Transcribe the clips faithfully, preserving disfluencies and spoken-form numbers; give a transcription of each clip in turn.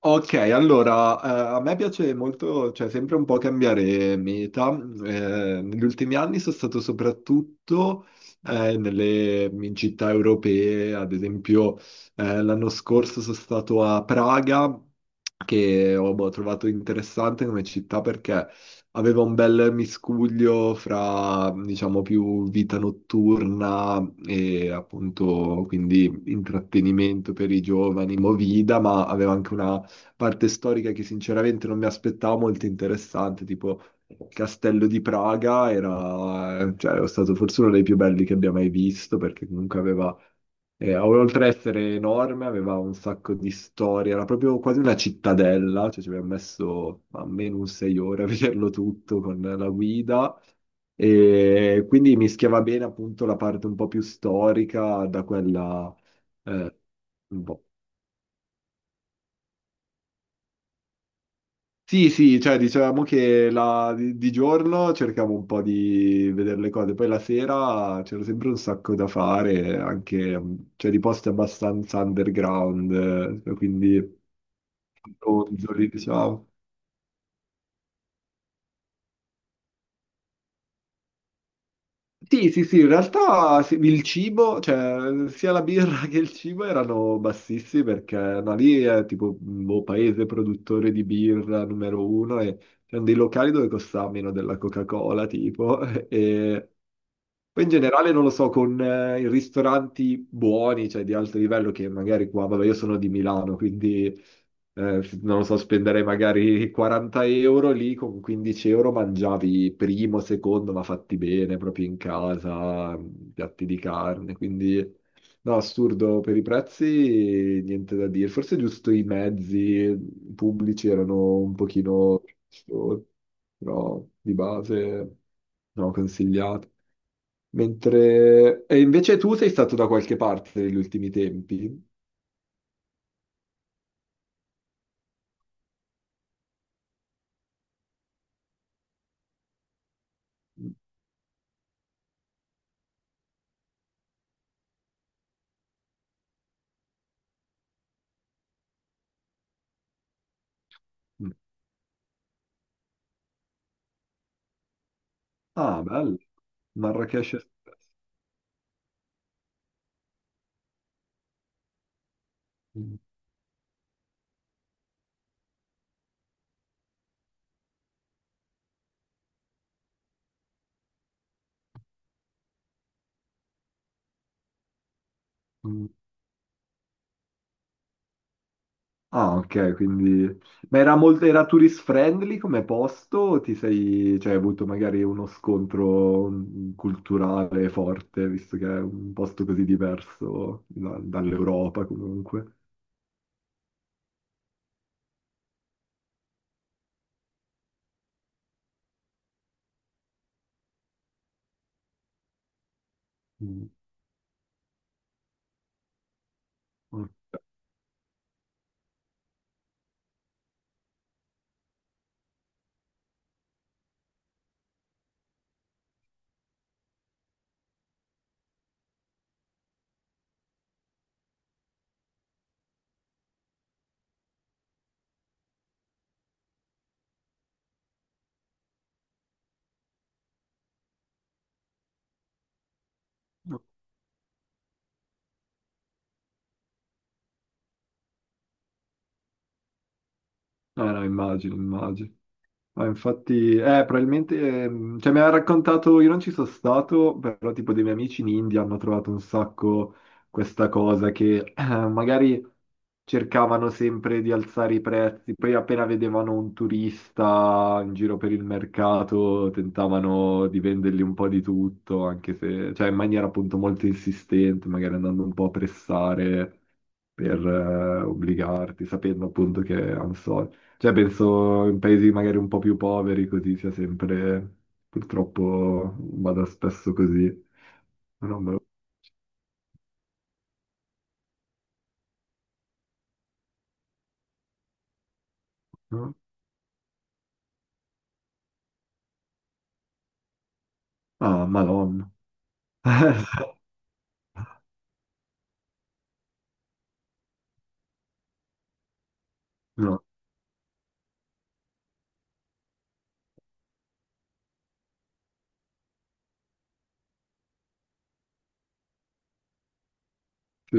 Ok, allora, eh, a me piace molto, cioè sempre un po' cambiare meta. Eh, negli ultimi anni sono stato soprattutto eh, nelle in città europee, ad esempio eh, l'anno scorso sono stato a Praga, che ho boh, trovato interessante come città perché aveva un bel miscuglio fra, diciamo, più vita notturna e appunto quindi intrattenimento per i giovani, movida, ma aveva anche una parte storica che sinceramente non mi aspettavo molto interessante, tipo il Castello di Praga era, cioè, è stato forse uno dei più belli che abbia mai visto, perché comunque aveva, eh, oltre ad essere enorme, aveva un sacco di storie, era proprio quasi una cittadella, cioè ci abbiamo messo almeno un sei ore a vederlo tutto con la guida. E quindi mischiava bene appunto la parte un po' più storica da quella eh, un po'. Sì, sì, cioè dicevamo che la- di, di giorno cercavo un po' di vedere le cose, poi la sera c'era sempre un sacco da fare, anche mh, cioè, di posti abbastanza underground, eh, quindi ronzoli, diciamo. Sì, sì, sì, in realtà sì, il cibo, cioè sia la birra che il cibo erano bassissimi perché no, lì è tipo un boh, paese produttore di birra numero uno e c'erano dei locali dove costava meno della Coca-Cola, tipo, e Poi in generale non lo so, con eh, i ristoranti buoni, cioè di alto livello, che magari qua, vabbè, io sono di Milano, quindi eh, f- non lo so, spenderei magari quaranta euro lì, con quindici euro mangiavi primo, secondo, ma fatti bene, proprio in casa, piatti di carne, quindi no, assurdo per i prezzi, niente da dire. Forse giusto i mezzi pubblici erano un pochino, però di base no, consigliato. Mentre. E invece tu sei stato da qualche parte negli ultimi tempi? Mm. Ah, bello. Marrakesh Express. Mm. Mm. Ah, ok, quindi. Ma era molto, era tourist friendly come posto? O ti sei, cioè hai avuto magari uno scontro mm, culturale forte, visto che è un posto così diverso da- dall'Europa comunque? Mm. Ok. Ah, no, immagino, immagino. Ah, infatti, eh, probabilmente, ehm, cioè mi ha raccontato, io non ci sono stato, però tipo dei miei amici in India hanno trovato un sacco questa cosa che eh, magari cercavano sempre di alzare i prezzi, poi appena vedevano un turista in giro per il mercato tentavano di vendergli un po' di tutto, anche se, cioè in maniera appunto molto insistente, magari andando un po' a pressare per eh, obbligarti, sapendo appunto che hanno soldi. Cioè, penso in paesi magari un po' più poveri, così sia sempre, purtroppo vada spesso così. No, me lo- no. Ah, Madonna. No, sì,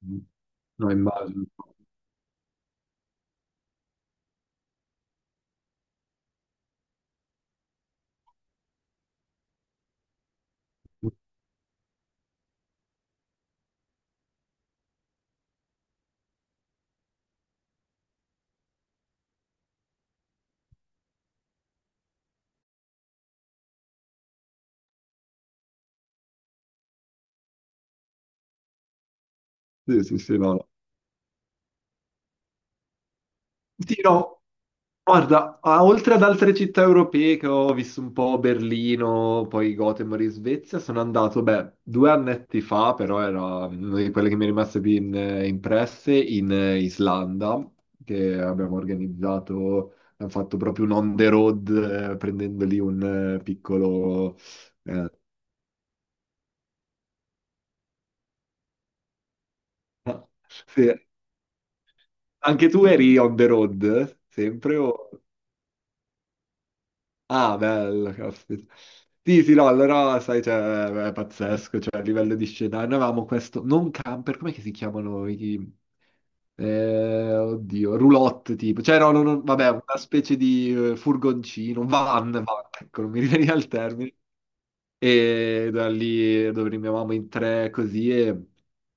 sì. no, immagino. Sì, sì, sì, no. no. Sì, no. Guarda, a- oltre ad altre città europee che ho visto un po' Berlino, poi Gothenburg in Svezia, sono andato, beh, due annetti fa, però era una di quelle che mi è rimasta più in- impresse, in eh, Islanda, che abbiamo organizzato, abbiamo fatto proprio un on the road, eh, prendendo lì un eh, piccolo. Eh, sì. Anche tu eri on the road, sempre o? Ah, bello, caspita. Sì, sì, no, allora, sai, cioè, è pazzesco, cioè, a livello di scenario, noi avevamo questo, non camper, com'è che si chiamano i, eh, oddio, roulotte, tipo, cioè, no, no, no, vabbè, una specie di eh, furgoncino, van, van, ecco, non mi riveniva il termine, e da lì dove rinviavamo in tre così e.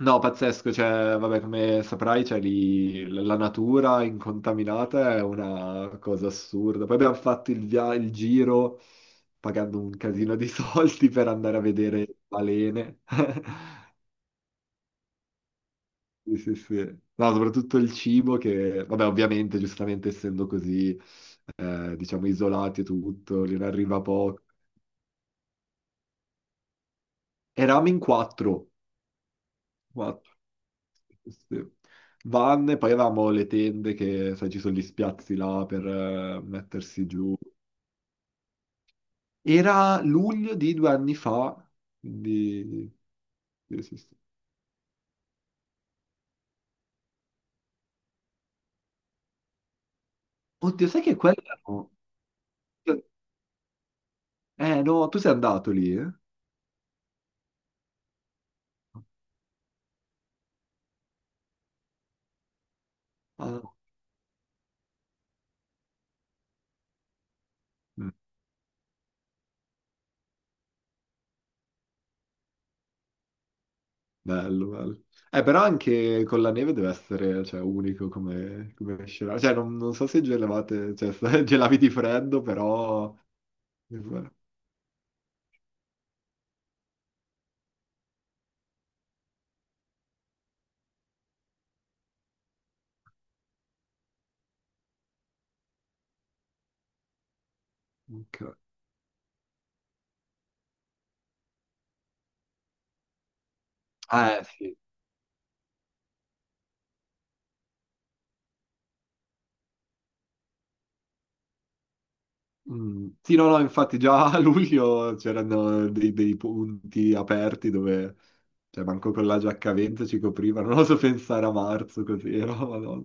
No, pazzesco, cioè, vabbè, come saprai, cioè, lì l- la natura incontaminata è una cosa assurda. Poi abbiamo fatto il, via- il giro pagando un casino di soldi per andare a vedere balene. Sì, sì, sì. No, soprattutto il cibo che, vabbè, ovviamente, giustamente essendo così, eh, diciamo, isolati e tutto, lì ne arriva poco. Eravamo in quattro. Quattro. Sì. Vanne, poi avevamo le tende che, sai, ci sono gli spiazzi là per eh, mettersi giù. Era luglio di due anni fa, quindi. Sì, sì, sì. Oddio, sai che quella, no. Eh no, tu sei andato lì, eh? Ah, no. Mm, bello, bello. Eh, però anche con la neve deve essere, cioè, unico come, come scenario. Cioè, non, non so se gelavate, cioè, se gelavi di freddo, però. Ok. Eh, sì. Mm. Sì, no, no, infatti già a luglio c'erano dei, dei punti aperti dove, cioè, manco con la giacca a vento ci coprivano, non oso pensare a marzo così, era, madonna.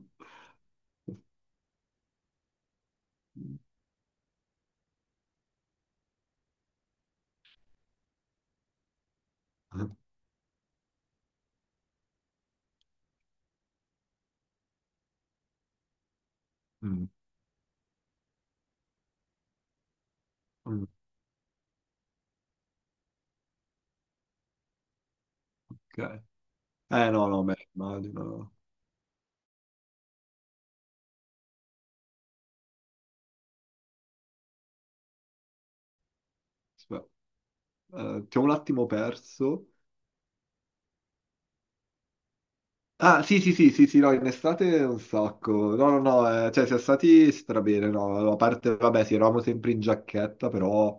Mm, mm, ok. Eh, no, no, beh, immagino. Aspetta, eh, ti ho un attimo perso. Ah, sì, sì, sì, sì, sì, no, in estate un sacco. No, no, no, eh, cioè, siamo stati strabene, no, a parte, vabbè, sì, eravamo sempre in giacchetta, però.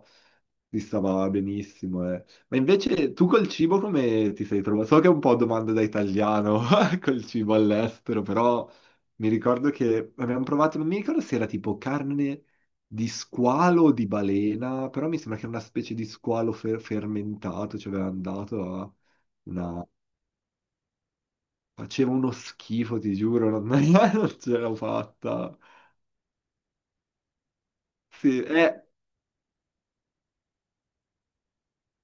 Si stava benissimo. Eh. Ma invece tu col cibo come ti sei trovato? So che è un po' domanda da italiano col cibo all'estero, però mi ricordo che abbiamo provato, non mi ricordo se era tipo carne di squalo o di balena, però mi sembra che era una specie di squalo fer- fermentato, ci avevano dato a una. Faceva uno schifo, ti giuro, non, non ce l'ho fatta. Sì, eh.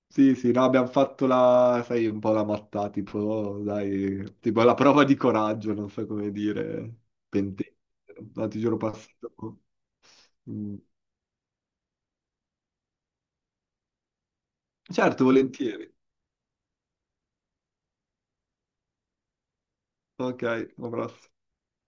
Sì, sì, no, abbiamo fatto la, sai, un po' la mattata, tipo, oh, dai, tipo la prova di coraggio, non so come dire, pentente, no, ti giuro passato. Mm. Certo, volentieri. Ok, un abbraccio.